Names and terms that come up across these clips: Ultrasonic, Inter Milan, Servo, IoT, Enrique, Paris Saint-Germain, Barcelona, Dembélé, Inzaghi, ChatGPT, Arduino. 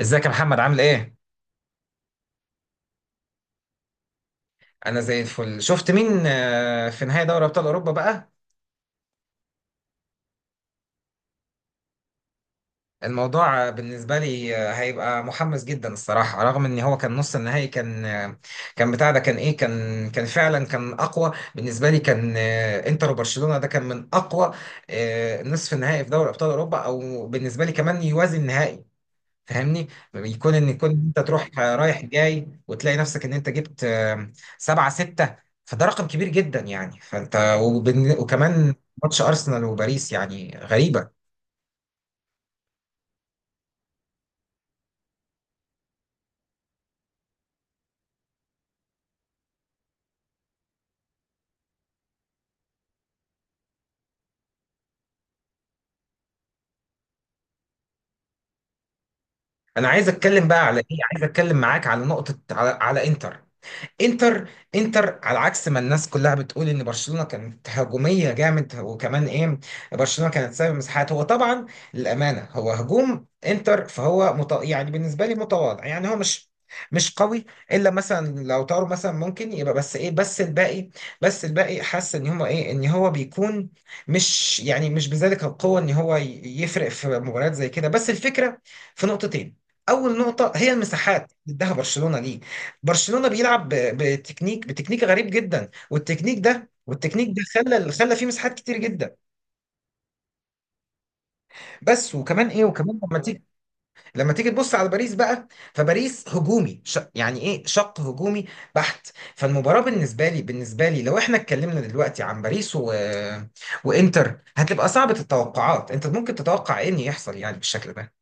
ازيك يا محمد، عامل ايه؟ انا زي الفل. شفت مين في نهائي دوري ابطال اوروبا بقى؟ الموضوع بالنسبه لي هيبقى محمس جدا الصراحه، رغم ان هو كان نص النهائي، كان كان بتاع ده، كان ايه، كان فعلا كان اقوى بالنسبه لي، كان انتر وبرشلونه. ده كان من اقوى نصف النهائي في دوري ابطال اوروبا، او بالنسبه لي كمان يوازي النهائي. فاهمني؟ يكون ان يكون انت تروح رايح جاي وتلاقي نفسك ان انت جبت 7-6. فده رقم كبير جدا يعني. وكمان ماتش ارسنال وباريس يعني غريبة. انا عايز اتكلم بقى على ايه، عايز اتكلم معاك على نقطة، على انتر. انتر، انتر على عكس ما الناس كلها بتقول ان برشلونه كانت هجوميه جامد، وكمان ايه، برشلونه كانت سبب مساحات. هو طبعا للامانه هو هجوم انتر، فهو يعني بالنسبه لي متواضع، يعني هو مش قوي، الا مثلا لو طاروا مثلا ممكن يبقى، بس ايه، بس الباقي، حاسس ان هما ايه، ان هو بيكون مش، يعني مش بذلك القوه ان هو يفرق في مباريات زي كده. بس الفكره في نقطتين. اول نقطه هي المساحات اللي اداها برشلونه ليك. برشلونة بيلعب بتكنيك غريب جدا، والتكنيك ده خلى فيه مساحات كتير جدا. بس وكمان ايه، وكمان لما تيجي تبص على باريس بقى. فباريس هجومي يعني ايه، شق هجومي بحت. فالمباراة بالنسبة لي لو احنا اتكلمنا دلوقتي عن باريس وانتر، هتبقى صعبة التوقعات. انت ممكن تتوقع ايه ان يحصل يعني بالشكل ده؟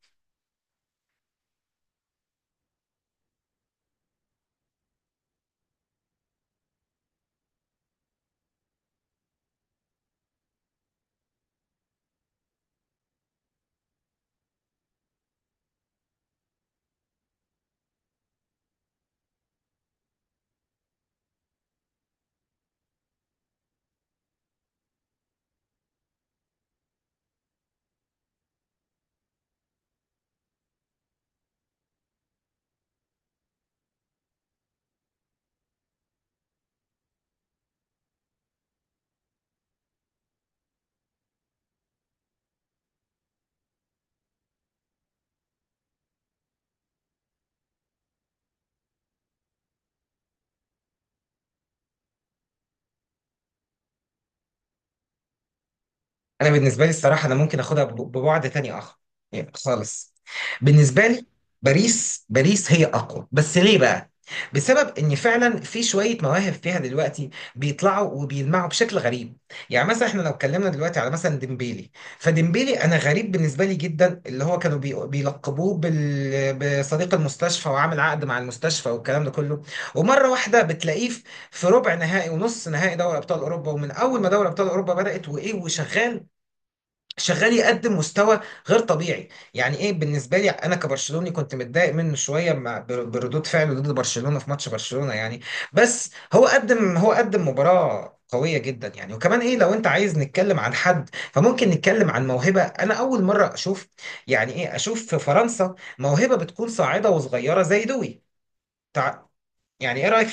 انا بالنسبه لي الصراحه، انا ممكن اخدها ببعد تاني اخر يعني خالص. بالنسبه لي باريس هي اقوى، بس ليه بقى؟ بسبب ان فعلا في شويه مواهب فيها دلوقتي بيطلعوا وبيلمعوا بشكل غريب. يعني مثلا احنا لو اتكلمنا دلوقتي على مثلا ديمبيلي. فديمبيلي، انا غريب بالنسبه لي جدا، اللي هو كانوا بيلقبوه بصديق المستشفى، وعامل عقد مع المستشفى والكلام ده كله، ومره واحده بتلاقيه في في ربع نهائي ونص نهائي دوري ابطال اوروبا، ومن اول ما دوري ابطال اوروبا بدات وايه وشغال، شغال يقدم مستوى غير طبيعي. يعني ايه، بالنسبه لي انا كبرشلوني كنت متضايق منه شويه مع بردود فعله ضد برشلونه في ماتش برشلونه يعني. بس هو قدم، هو قدم مباراه قويه جدا يعني. وكمان ايه، لو انت عايز نتكلم عن حد، فممكن نتكلم عن موهبه. انا اول مره اشوف، يعني ايه، اشوف في فرنسا موهبه بتكون صاعده وصغيره زي دوي. تع- يعني ايه رايك؟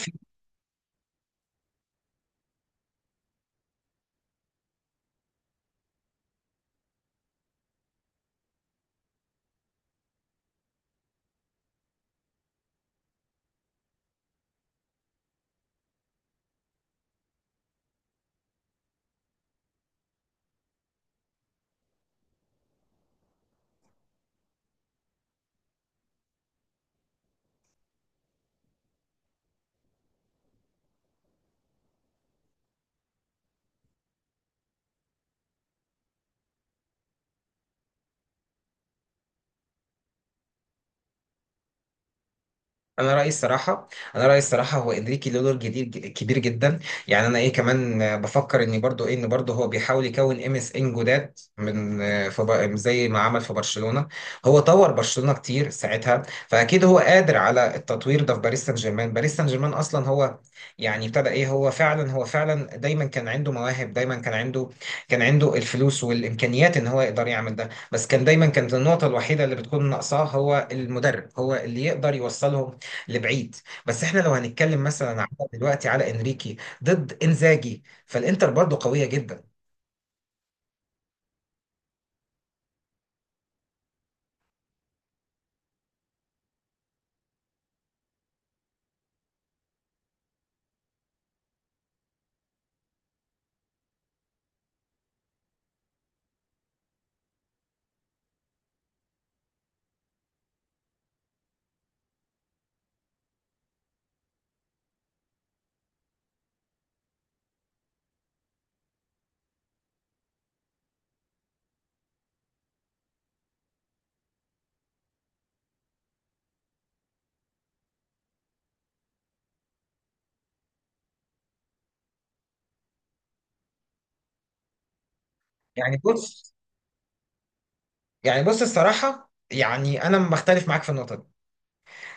انا رايي الصراحه انا رايي الصراحه، هو انريكي له دور جديد كبير جدا. يعني انا ايه كمان بفكر ان برضو، ايه، ان برضو هو بيحاول يكون MSN جداد من في زي ما عمل في برشلونه. هو طور برشلونه كتير ساعتها، فاكيد هو قادر على التطوير ده في باريس سان جيرمان. باريس سان جيرمان اصلا هو يعني ابتدى ايه، هو فعلا دايما كان عنده مواهب دايما كان عنده كان عنده الفلوس والامكانيات ان هو يقدر يعمل ده. بس كان دايما، كانت النقطه الوحيده اللي بتكون ناقصاه هو المدرب، هو اللي يقدر يوصله لبعيد. بس احنا لو هنتكلم مثلا على دلوقتي على انريكي ضد انزاجي، فالانتر برضه قوية جدا. يعني بص، يعني بص الصراحة، يعني انا بختلف معاك في النقطة دي،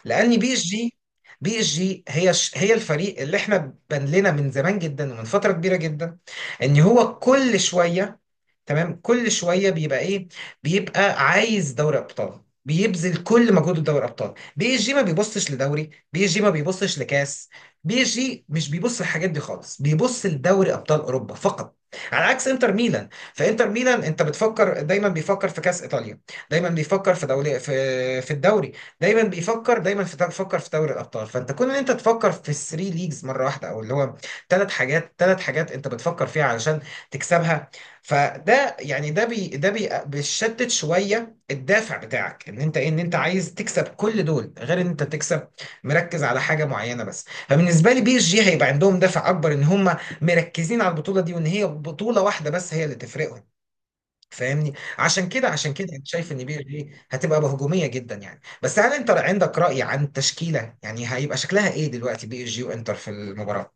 لان PSG، بي اس جي هي هي الفريق اللي احنا بان لنا من زمان جدا ومن فترة كبيرة جدا، ان هو كل شوية، تمام، كل شويه بيبقى ايه، بيبقى عايز دوري ابطال، بيبذل كل مجهوده في دوري ابطال. بي اس جي ما بيبصش لدوري، بي اس جي ما بيبصش لكاس، بي اس جي مش بيبص للحاجات دي خالص، بيبص لدوري ابطال اوروبا فقط. على عكس انتر ميلان. فانتر ميلان انت بتفكر، دايما بيفكر في كاس ايطاليا، دايما بيفكر في دوري، في الدوري، دايما بيفكر في دوري الابطال. فانت كون ان انت تفكر في الثري ليجز مره واحده، او اللي هو ثلاث حاجات انت بتفكر فيها علشان تكسبها، فده يعني، ده بيشتت شويه الدافع بتاعك، ان انت ايه، ان انت عايز تكسب كل دول، غير ان انت تكسب مركز على حاجه معينه بس. فبالنسبه لي بي اس جي هيبقى عندهم دافع اكبر، ان هم مركزين على البطوله دي، وان هي بطوله واحده بس هي اللي تفرقهم. فاهمني؟ عشان كده انا شايف ان بي اس جي هتبقى بهجوميه جدا يعني. بس هل انت عندك راي عن التشكيله؟ يعني هيبقى شكلها ايه دلوقتي بي اس جي وانتر في المباراه؟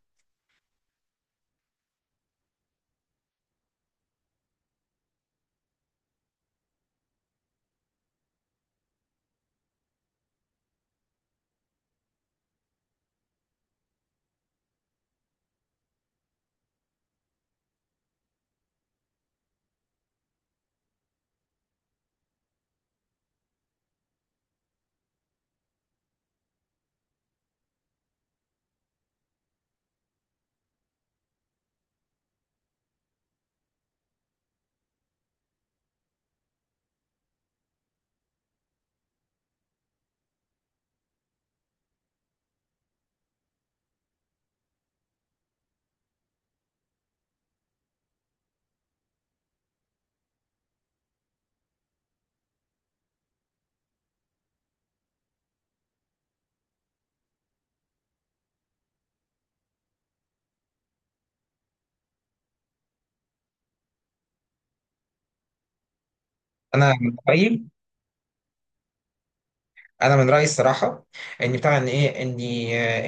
انا من رأيي، انا من رايي الصراحه، ان بتاع، ان ايه، ان،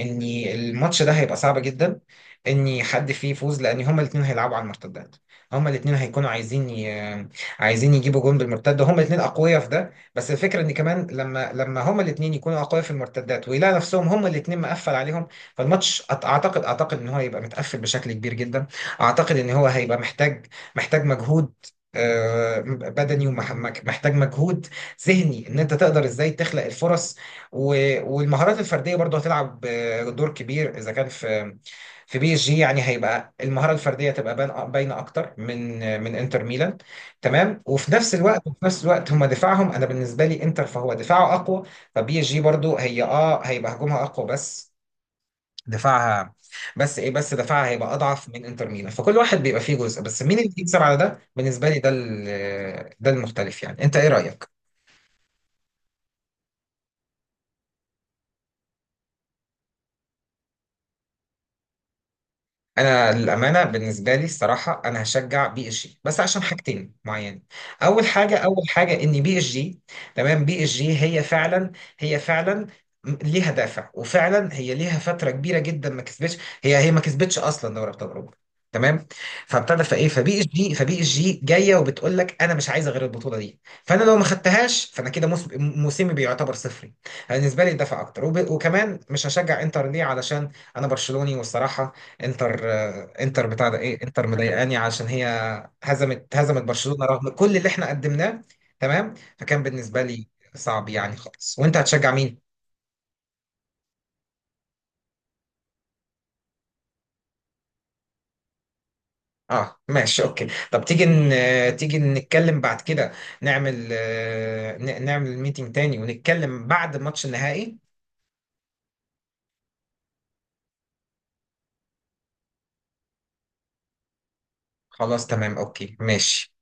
ان الماتش ده هيبقى صعب جدا ان حد فيه يفوز، لان هما الاثنين هيلعبوا على المرتدات. هما الاثنين هيكونوا عايزين عايزين يجيبوا جون بالمرتده. هما الاثنين اقوياء في ده، بس الفكره ان كمان لما، هما الاثنين يكونوا اقوياء في المرتدات ويلاقوا نفسهم هما الاثنين مقفل عليهم، فالماتش اعتقد، ان هو هيبقى متقفل بشكل كبير جدا. اعتقد ان هو هيبقى محتاج، مجهود بدني، ومحتاج مجهود ذهني، ان انت تقدر ازاي تخلق الفرص. والمهارات الفرديه برضو هتلعب دور كبير، اذا كان في في بي اس جي، يعني هيبقى المهاره الفرديه تبقى باينه اكتر من انتر ميلان. تمام. وفي نفس الوقت هم دفاعهم، انا بالنسبه لي انتر فهو دفاعه اقوى، فبي اس جي برضو هي، اه، هيبقى هجومها اقوى، بس دفاعها، بس ايه، بس دفاعها هيبقى اضعف من انتر ميلان. فكل واحد بيبقى فيه جزء، بس مين اللي يكسب على ده؟ بالنسبه لي ده، ده المختلف يعني. انت ايه رايك؟ انا للامانه بالنسبه لي الصراحه انا هشجع بي اس جي، بس عشان حاجتين معينه. اول حاجه، ان بي اس جي، تمام، بي اس جي هي فعلا، هي فعلا ليها دافع، وفعلا هي ليها فتره كبيره جدا ما كسبتش، هي ما كسبتش اصلا دوري ابطال اوروبا. تمام. فابتدى، فايه، فبي اس جي جايه وبتقول لك انا مش عايزه غير البطوله دي، فانا لو ما خدتهاش فانا كده موسمي بيعتبر صفري. بالنسبه لي الدفع اكتر. وكمان مش هشجع انتر، ليه؟ علشان انا برشلوني، والصراحه انتر انتر بتاع ده، ايه، انتر مضايقاني عشان هي هزمت برشلونة رغم كل اللي احنا قدمناه. تمام. فكان بالنسبة لي صعب يعني خالص. وانت هتشجع مين؟ اه ماشي، اوكي. طب تيجي تيجي نتكلم بعد كده، نعمل نعمل ميتنج تاني ونتكلم بعد ماتش النهائي. خلاص تمام اوكي ماشي.